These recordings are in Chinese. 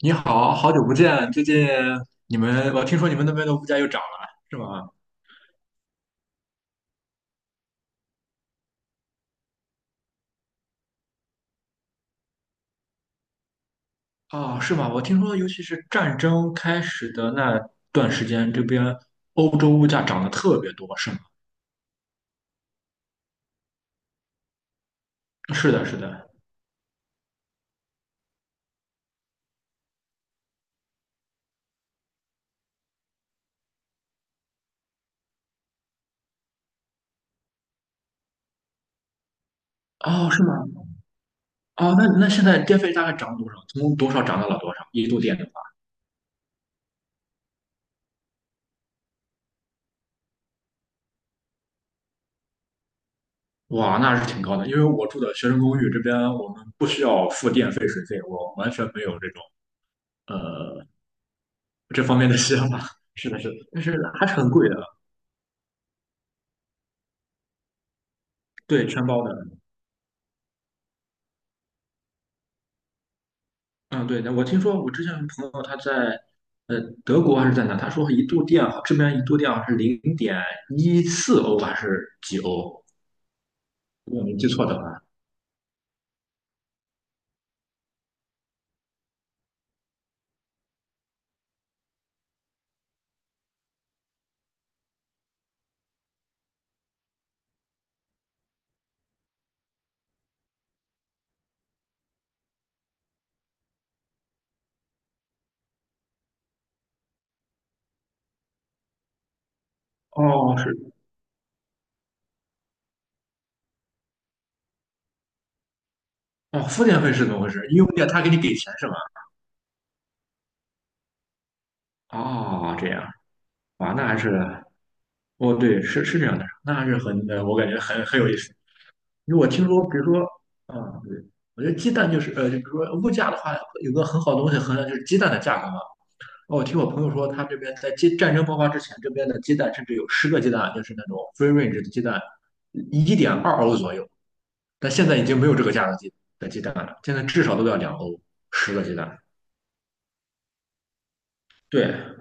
你好，好久不见。最近你们，我听说你们那边的物价又涨了，是吗？哦，是吗？我听说，尤其是战争开始的那段时间，这边欧洲物价涨得特别多，是吗？是的，是的。哦，是吗？哦，那现在电费大概涨了多少？从多少涨到了多少？一度电的话，哇，那是挺高的。因为我住的学生公寓这边，我们不需要付电费、水费，我完全没有这种呃这方面的想法。是的，是的，但是还是很贵的，对，全包的。嗯，对的，我听说我之前有朋友他在呃德国还是在哪，他说一度电好，这边一度电好像是0.14欧还是几欧？如果没记错的话。哦，是哦，付电费是怎么回事？用电他给你给钱是吗？哦，这样哇，那还是哦，对，是是这样的，那还是很我感觉很有意思。因为我听说，比如说，嗯，对，我觉得鸡蛋就是就比如说物价的话，有个很好的东西衡量就是鸡蛋的价格嘛。哦，我听我朋友说，他这边在鸡战争爆发之前，这边的鸡蛋甚至有十个鸡蛋，就是那种 free range 的鸡蛋，1.2欧左右。但现在已经没有这个价的鸡蛋了，现在至少都要2欧十个鸡蛋。对，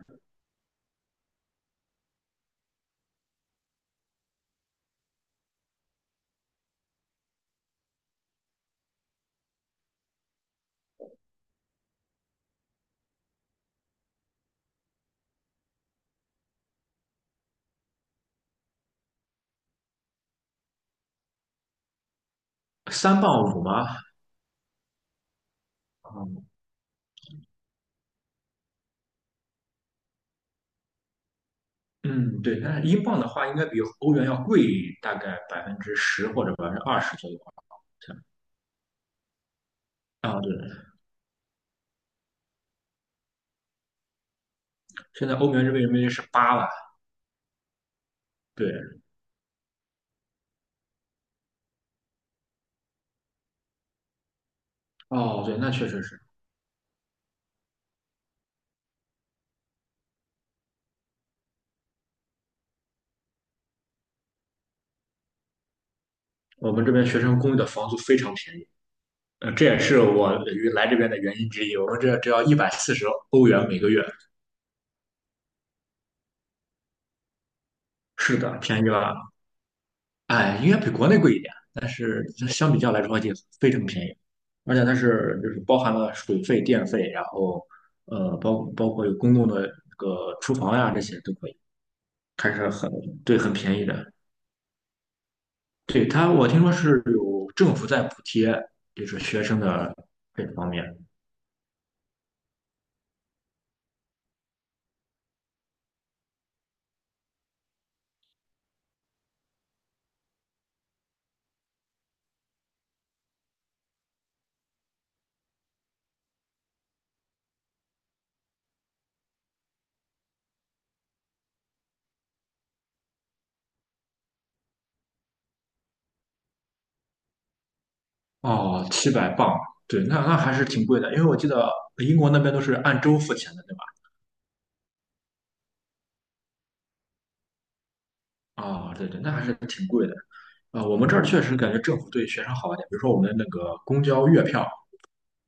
三磅五吗？嗯嗯，对。那是英镑的话，应该比欧元要贵大概10%或者20%左右吧。好像啊，对，现在欧元这边人民币是八了。对，哦，对，那确实是我们这边学生公寓的房租非常便宜。这也是我来这边的原因之一。我们这只要140欧元每个月，是的，便宜了。哎，应该比国内贵一点，但是相比较来说也非常便宜，而且它是就是包含了水费、电费，然后包括有公共的这个厨房呀、这些都可以，还是很对，很便宜的。对它，我听说是有政府在补贴，就是学生的这方面。哦，700磅，对，那还是挺贵的，因为我记得英国那边都是按周付钱的，对吧？啊、对对，那还是挺贵的。啊、我们这儿确实感觉政府对学生好一点，比如说我们的那个公交月票，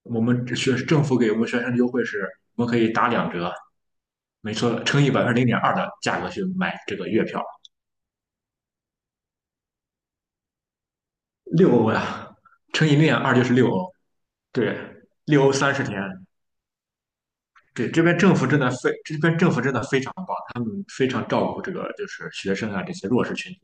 我们这学政府给我们学生的优惠是，我们可以打两折，没错，乘以0.2%的价格去买这个月票，六欧呀，乘以零点二就是六欧，对，六欧30天。对，这边政府真的非这边政府真的非常照顾这个就是学生啊这些弱势群体。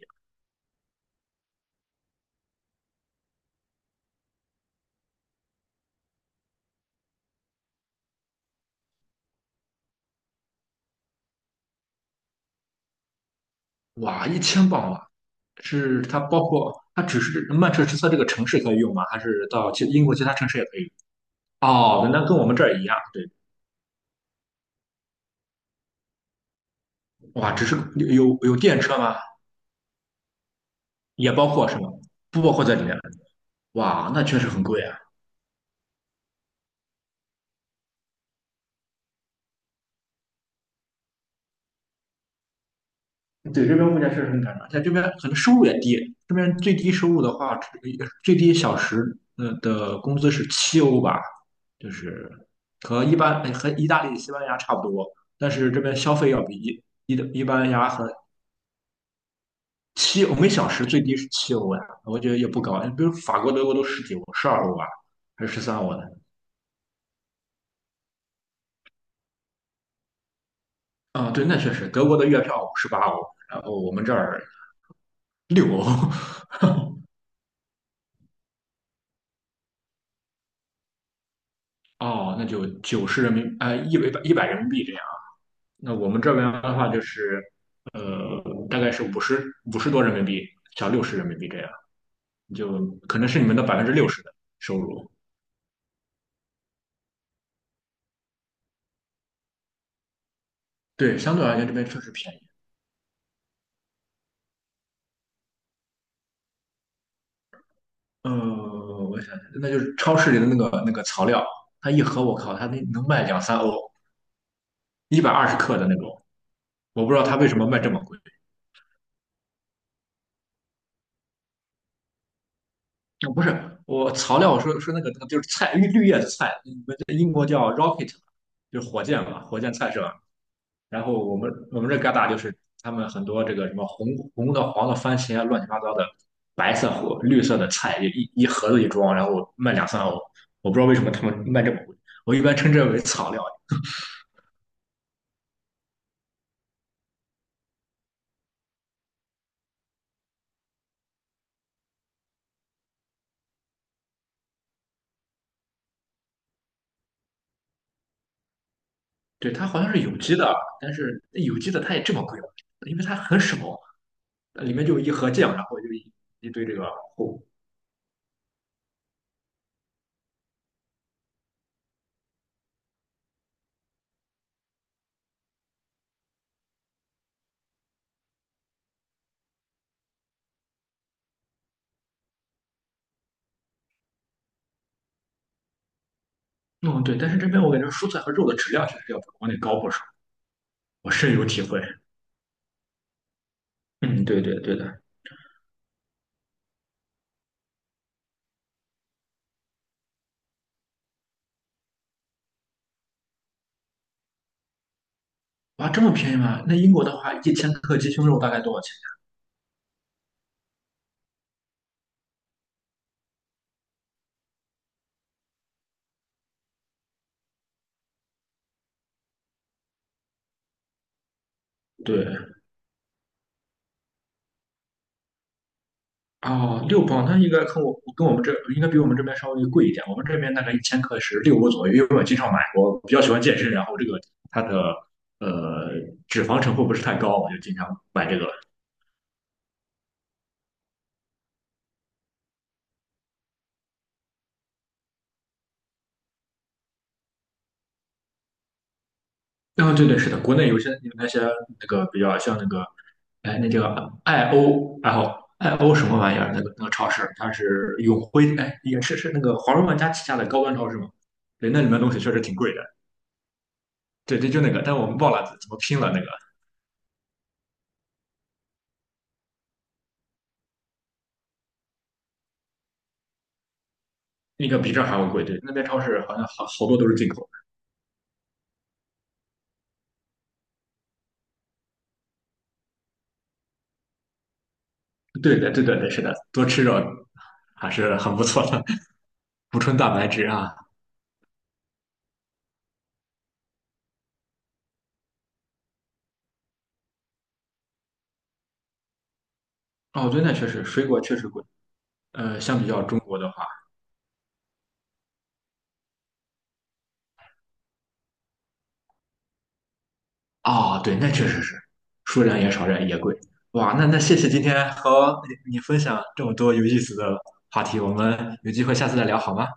哇，1000磅啊！是它包括它只是曼彻斯特这个城市可以用吗？还是到其英国其他城市也可以用？哦，那跟我们这儿一样，对。哇，只是有电车吗？也包括是吗？不包括在里面。哇，那确实很贵啊。对，这边物价确实很赶涨，在这边可能收入也低。这边最低收入的话，最低小时的工资是七欧吧，就是和一般和意大利、西班牙差不多，但是这边消费要比一一一般牙和七，我们小时最低是七欧呀，我觉得也不高。比如法国、德国都十几欧，12欧吧，还是13欧呢？啊、对，那确实，德国的月票18欧，然后我们这儿六欧，哦，那就九十人民，一百人民币这样。那我们这边的话就是，呃，大概是五十多人民币，小六十人民币这样，就可能是你们的60%的收入。对，相对而言这边确实便宜。呃，我想想，那就是超市里的那个草料，它一盒我靠，它那能卖两三欧，120克的那种，我不知道它为什么卖这么贵。啊不是，我草料，我说说那个就是菜，绿叶子菜，你们这英国叫 rocket，就是火箭嘛，火箭菜是吧？然后我们这旮沓就是他们很多这个什么红的、黄的番茄啊，乱七八糟的，白色和绿色的菜，一盒子一装，然后卖两三欧，我不知道为什么他们卖这么贵，我一般称之为草料。对，它好像是有机的，但是有机的它也这么贵吗因为它很少，里面就一盒酱，然后就一堆这个物。嗯，对，但是这边我感觉蔬菜和肉的质量确实要比国内高不少，我深有体会。嗯，对对对的。哇，这么便宜吗？那英国的话，一千克鸡胸肉大概多少钱？对，哦，6磅，那应该跟我们这应该比我们这边稍微贵一点。我们这边大概一千克是六欧左右，因为我经常买，我比较喜欢健身，然后这个它的呃脂肪成分不是太高，我就经常买这个。啊、对对，是的，国内有些有那些比较像那个，哎，那叫爱欧，然后爱欧什么玩意儿？那个超市，它是永辉，哎，也是是那个华润万家旗下的高端超市嘛。对，那里面东西确实挺贵的。对对，就那个，但我们忘了怎么拼了那个。应该比这儿还要贵，对，那边超市好像好多都是进口的。对的，对的，对，是的，多吃肉还是很不错的，补充蛋白质啊。哦，对，那确实，水果确实贵。相比较中国的话，哦，对，那确实是，数量也少，人也贵。哇，那谢谢今天和你分享这么多有意思的话题，我们有机会下次再聊好吗？